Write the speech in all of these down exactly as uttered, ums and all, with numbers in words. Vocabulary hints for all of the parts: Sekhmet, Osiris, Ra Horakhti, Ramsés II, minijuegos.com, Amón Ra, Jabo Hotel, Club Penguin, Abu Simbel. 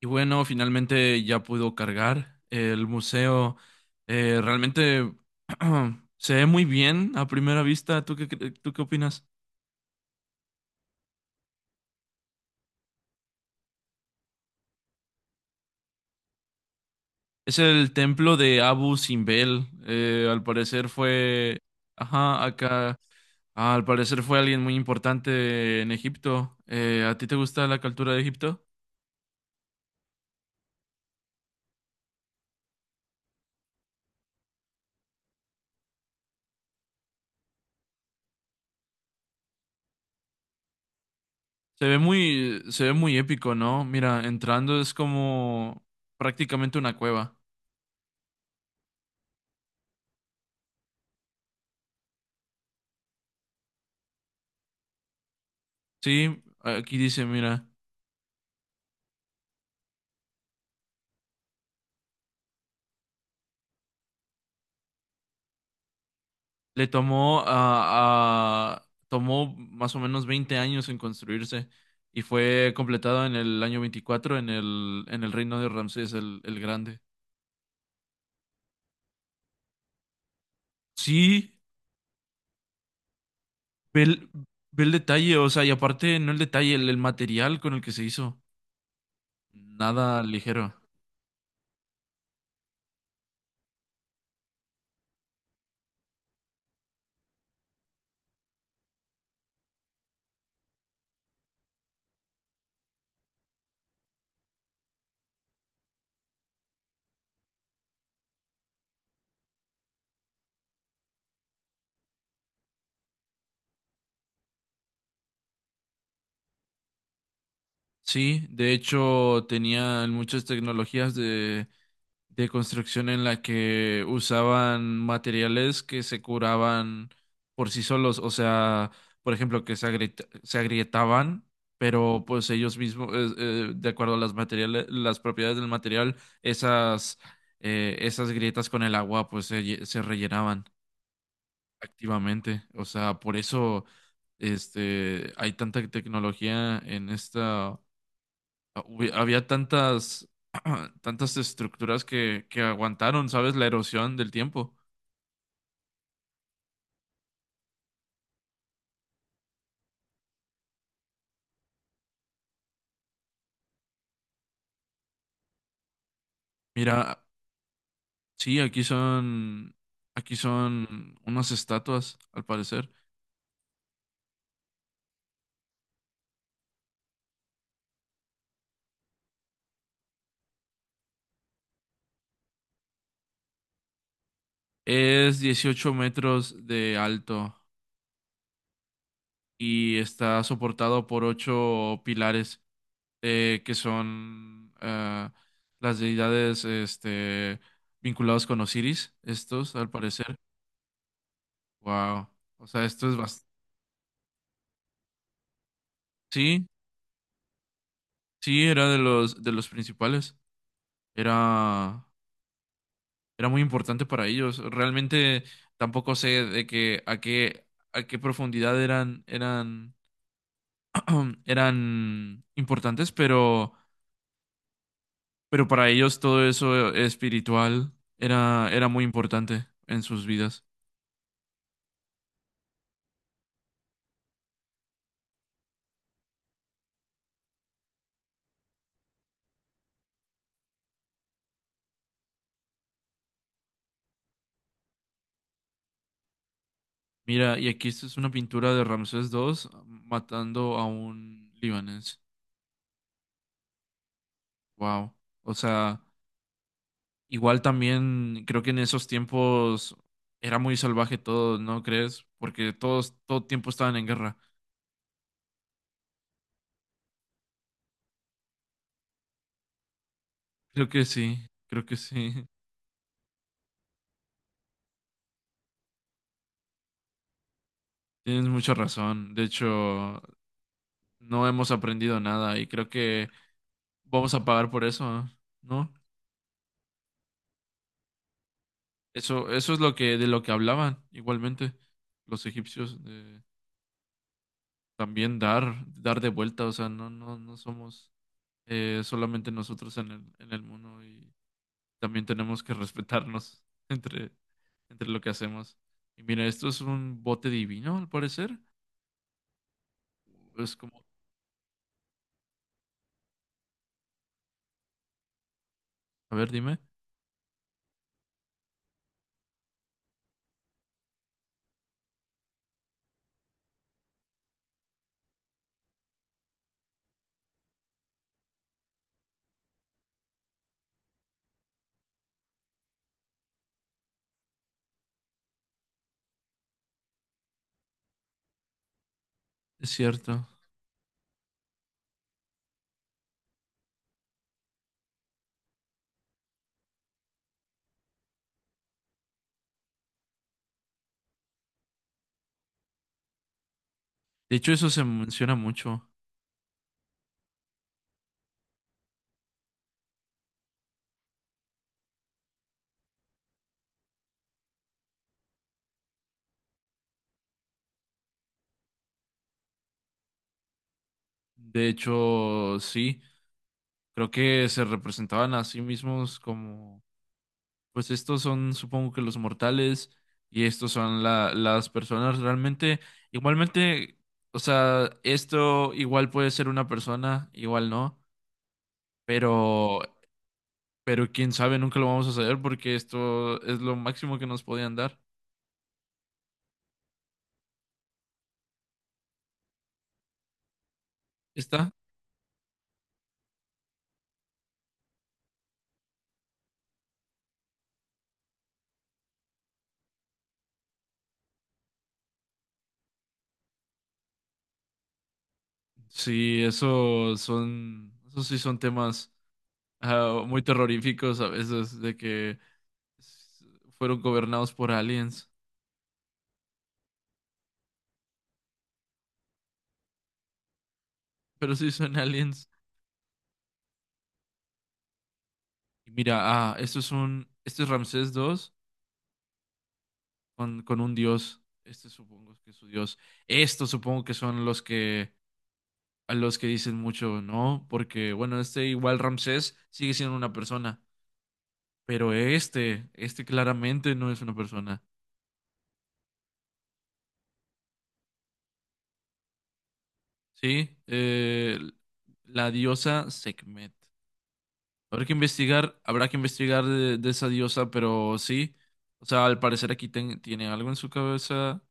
Y bueno, finalmente ya pudo cargar el museo. eh, realmente se ve muy bien a primera vista. ¿Tú qué, cre- tú qué opinas? Es el templo de Abu Simbel. eh, al parecer fue. Ajá, acá. Al parecer fue alguien muy importante en Egipto. Eh, ¿a ti te gusta la cultura de Egipto? Se ve muy, se ve muy épico, ¿no? Mira, entrando es como prácticamente una cueva. Sí, aquí dice, mira. Le tomó, ah, ah, tomó más o menos veinte años en construirse y fue completado en el año veinticuatro en el, en el reino de Ramsés el, el Grande. Sí, ve el, ve el detalle, o sea, y aparte no el detalle, el, el material con el que se hizo. Nada ligero. Sí, de hecho tenían muchas tecnologías de, de construcción en la que usaban materiales que se curaban por sí solos, o sea, por ejemplo, que se agrieta- se agrietaban, pero pues ellos mismos, eh, eh, de acuerdo a las materiales, las propiedades del material, esas, eh, esas grietas con el agua pues se, lle- se rellenaban activamente, o sea, por eso este, hay tanta tecnología en esta. Ah, hubi- había tantas, tantas estructuras que, que aguantaron, ¿sabes? La erosión del tiempo. Mira, sí, aquí son, aquí son unas estatuas, al parecer. Es dieciocho metros de alto y está soportado por ocho pilares eh, que son ah, las deidades, este, vinculados con Osiris, estos, al parecer. Wow. O sea, esto es bastante. Sí. Sí, era de los, de los, principales. Era, era muy importante para ellos. Realmente tampoco sé de que a qué, a qué, profundidad eran, eran, eran importantes, pero, pero para ellos todo eso espiritual era, era muy importante en sus vidas. Mira, y aquí esto es una pintura de Ramsés II matando a un libanés. Wow. O sea, igual también creo que en esos tiempos era muy salvaje todo, ¿no crees? Porque todos todo tiempo estaban en guerra. Creo que sí, creo que sí. Tienes mucha razón. De hecho, no hemos aprendido nada y creo que vamos a pagar por eso, ¿no? Eso, eso es lo que de lo que hablaban igualmente los egipcios de también dar dar de vuelta, o sea, no no no somos, eh, solamente nosotros en el en el mundo también tenemos que respetarnos entre, entre lo que hacemos. Y mira, esto es un bote divino, al parecer. Es como, a ver, dime. Es cierto. De hecho, eso se menciona mucho. De hecho, sí, creo que se representaban a sí mismos como, pues estos son, supongo que los mortales y estos son la- las personas realmente, igualmente, o sea, esto igual puede ser una persona, igual no, pero Pero quién sabe, nunca lo vamos a saber porque esto es lo máximo que nos podían dar. ¿Está? Sí, eso son, eso sí son temas, ah, muy terroríficos a veces de que s- fueron gobernados por aliens. Pero sí son aliens. Y mira, ah, esto es un, este es Ramsés dos con, con un dios. Este supongo que es su dios. Estos supongo que son los que a los que dicen mucho, ¿no? Porque bueno, este igual Ramsés sigue siendo una persona. Pero este, este claramente no es una persona. Sí, eh, la diosa Sekhmet. Habrá que investigar, habrá que investigar de, de esa diosa, pero sí. O sea, al parecer aquí ten- tiene algo en su cabeza.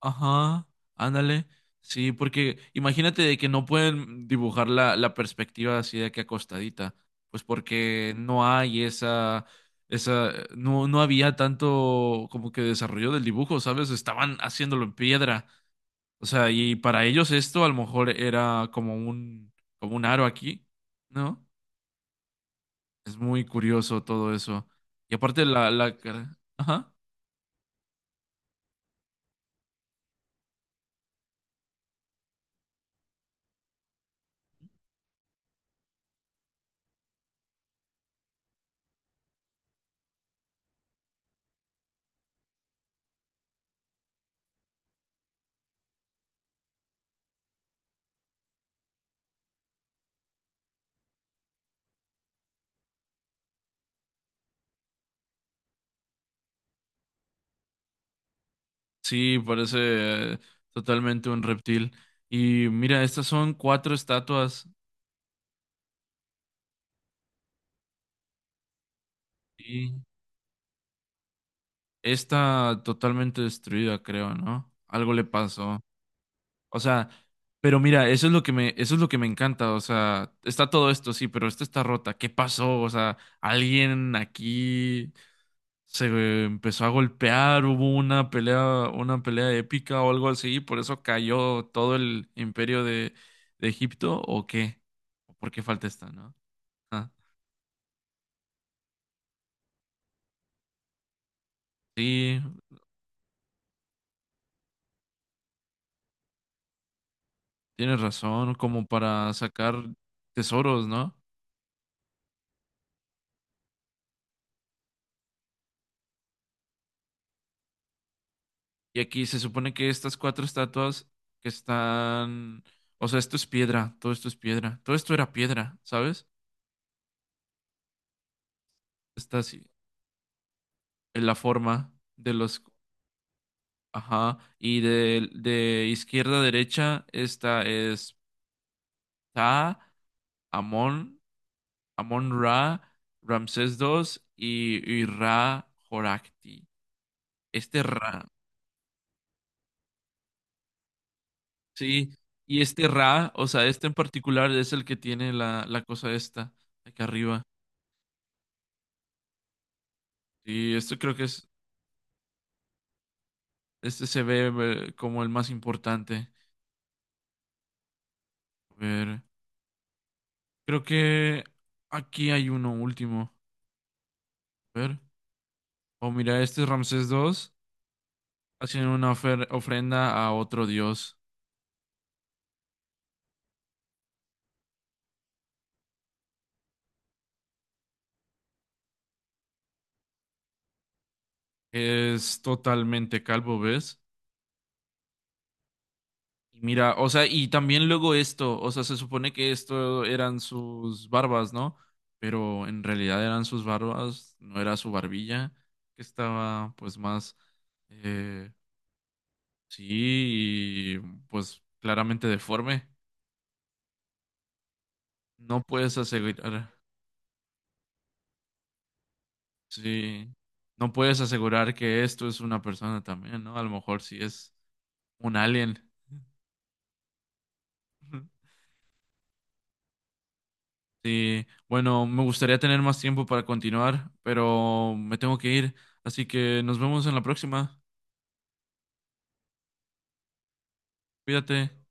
Ajá, ándale. Sí, porque imagínate de que no pueden dibujar la, la perspectiva así de que acostadita. Pues porque no hay esa, esa, no, no había tanto como que desarrollo del dibujo, ¿sabes? Estaban haciéndolo en piedra. O sea, y para ellos esto a lo mejor era como un, como un aro aquí, ¿no? Es muy curioso todo eso. Y aparte la, la cara- ajá. Sí, parece, eh, totalmente un reptil. Y mira, estas son cuatro estatuas y esta totalmente destruida, creo, ¿no? Algo le pasó. O sea, pero mira, eso es lo que me, eso es lo que me encanta. O sea, está todo esto, sí, pero esta está rota. ¿Qué pasó? O sea, alguien aquí se eh, empezó a golpear, hubo una pelea, una pelea épica o algo así, por eso cayó todo el imperio de, de Egipto, ¿o qué? ¿O ¿Por qué falta esta, ¿no? Ah, sí, tienes razón, como para sacar tesoros, ¿no? Y aquí se supone que estas cuatro estatuas que están, o sea, esto es piedra, todo esto es piedra, todo esto era piedra, ¿sabes? Está así, en la forma de los. Ajá, y de, de izquierda a derecha, esta es Ta, Amón Amón Ra, Ramsés II y, y Ra Horakhti. Este Ra, sí, y este Ra, o sea, este en particular es el que tiene la, la cosa esta, acá arriba. Y esto creo que es, este se ve, eh, como el más importante. A ver, creo que aquí hay uno último. A ver, oh, mira, este es Ramsés II haciendo una ofer- ofrenda a otro dios. Es totalmente calvo, ¿ves? Y mira, o sea, y también luego esto, o sea, se supone que esto eran sus barbas, ¿no? Pero en realidad eran sus barbas, no era su barbilla, que estaba pues más, eh, sí, y, pues claramente deforme. No puedes asegurar, sí, no puedes asegurar que esto es una persona también, ¿no? A lo mejor sí es un alien. Sí, bueno, me gustaría tener más tiempo para continuar, pero me tengo que ir, así que nos vemos en la próxima. Cuídate.